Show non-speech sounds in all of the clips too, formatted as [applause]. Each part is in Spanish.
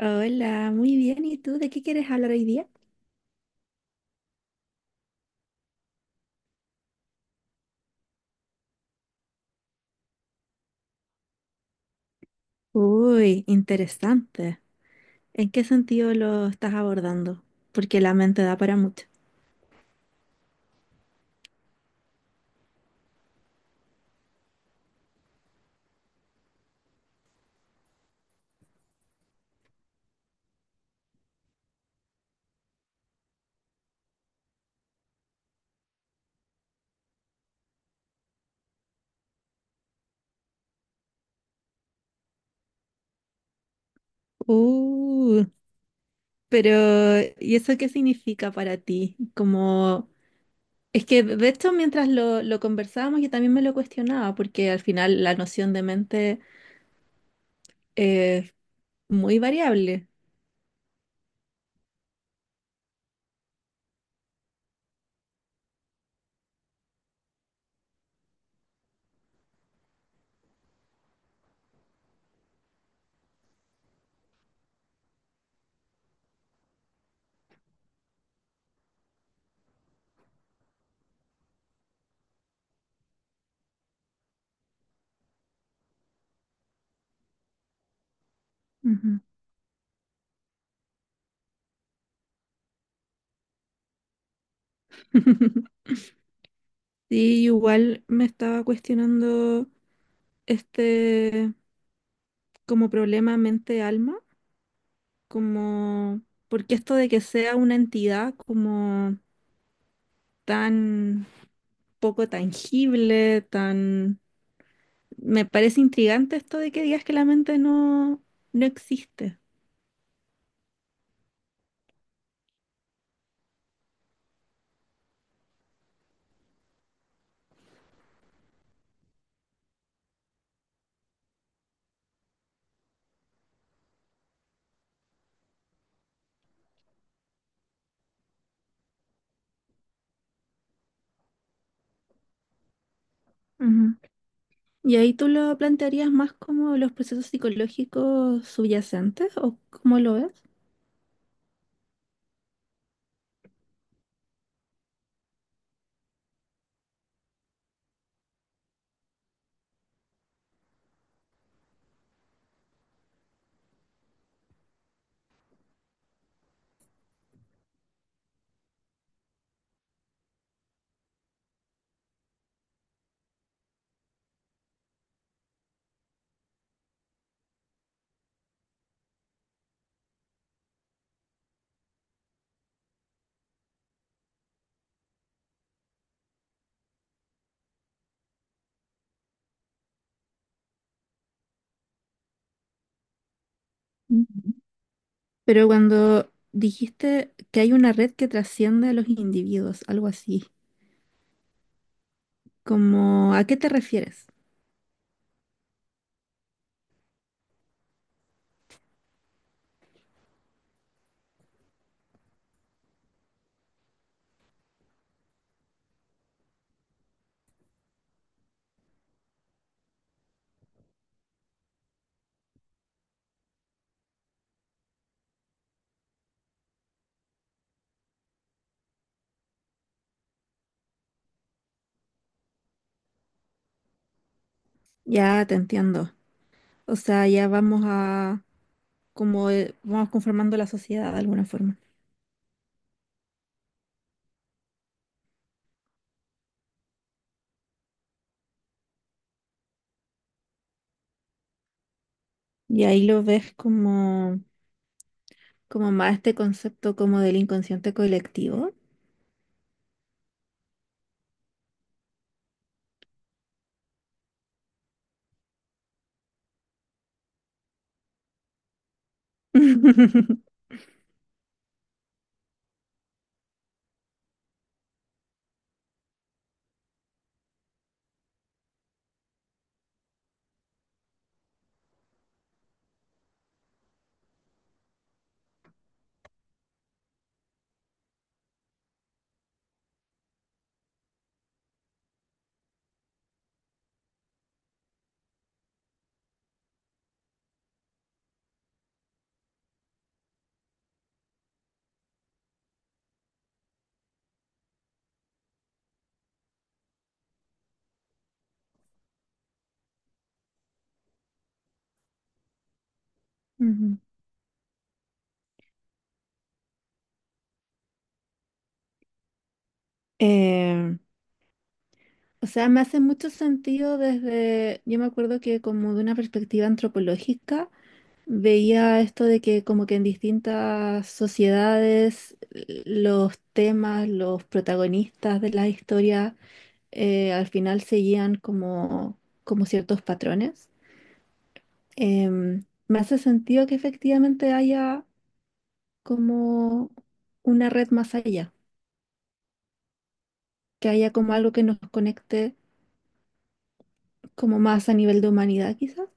Hola, muy bien. ¿Y tú de qué quieres hablar hoy día? Uy, interesante. ¿En qué sentido lo estás abordando? Porque la mente da para mucho. Uh, pero ¿y eso qué significa para ti? Como, es que de hecho mientras lo conversábamos yo también me lo cuestionaba porque al final la noción de mente es muy variable. Ujú. [laughs] Sí, igual me estaba cuestionando este como problema mente-alma. Como, porque esto de que sea una entidad como tan poco tangible, tan... Me parece intrigante esto de que digas que la mente no, no existe. Ujú. ¿Y ahí tú lo plantearías más como los procesos psicológicos subyacentes o cómo lo ves? Ujú. Pero cuando dijiste que hay una red que trasciende a los individuos, algo así, como, ¿a qué te refieres? Ya te entiendo. O sea, ya vamos a como vamos conformando la sociedad de alguna forma. Y ahí lo ves como, como más este concepto como del inconsciente colectivo. [laughs] Ujú. Eh, o sea, me hace mucho sentido desde, yo me acuerdo que como de una perspectiva antropológica, veía esto de que como que en distintas sociedades los temas, los protagonistas de la historia al final seguían como, como ciertos patrones. Me hace sentido que efectivamente haya como una red más allá, que haya como algo que nos conecte como más a nivel de humanidad, quizás.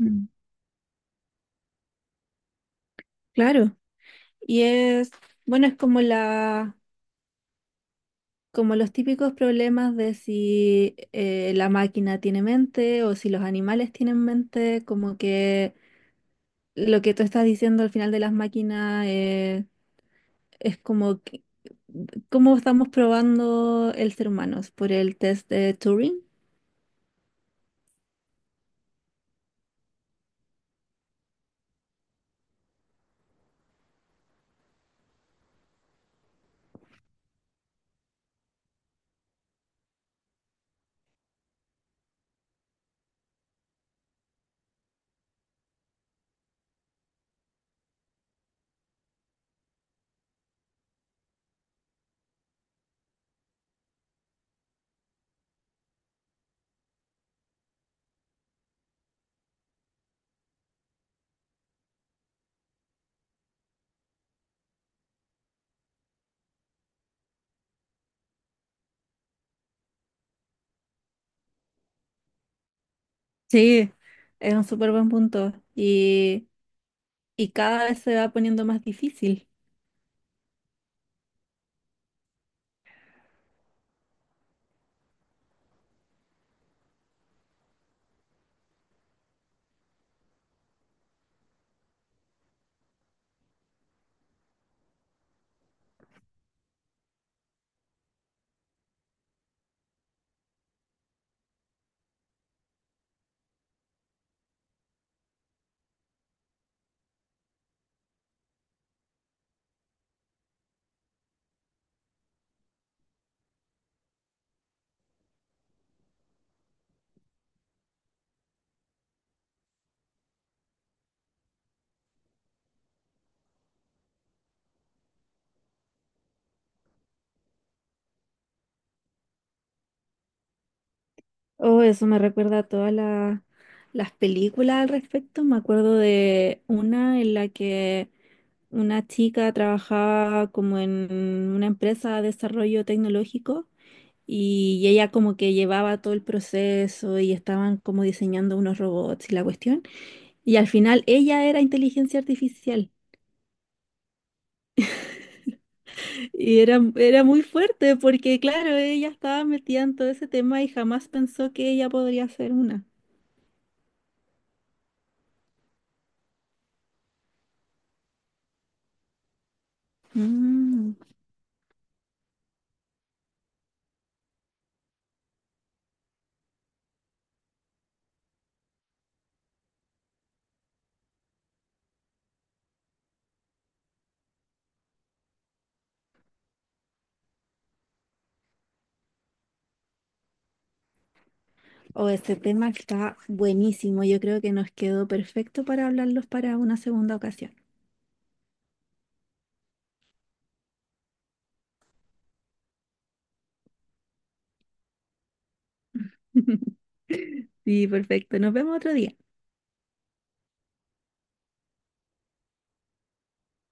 Mm, claro. Y es, bueno, es como la, como los típicos problemas de si la máquina tiene mente o si los animales tienen mente, como que lo que tú estás diciendo al final de las máquinas es es como que- cómo estamos probando el ser humano por el test de Turing. Sí, es un súper buen y cada vez se va poniendo más difícil. Oh, eso me recuerda a las películas al respecto. Me acuerdo de una en la que una chica trabajaba como en una empresa de desarrollo tecnológico y ella como que llevaba todo el proceso y estaban como diseñando unos robots y la cuestión. Y al final ella era inteligencia artificial. Y era muy fuerte porque, claro, ella estaba metida en todo ese tema y jamás pensó que ella podría ser una. Mm. Oh, este tema está buenísimo. Yo creo que nos quedó perfecto para hablarlos para una segunda ocasión. [laughs] Sí, perfecto. Nos vemos otro día.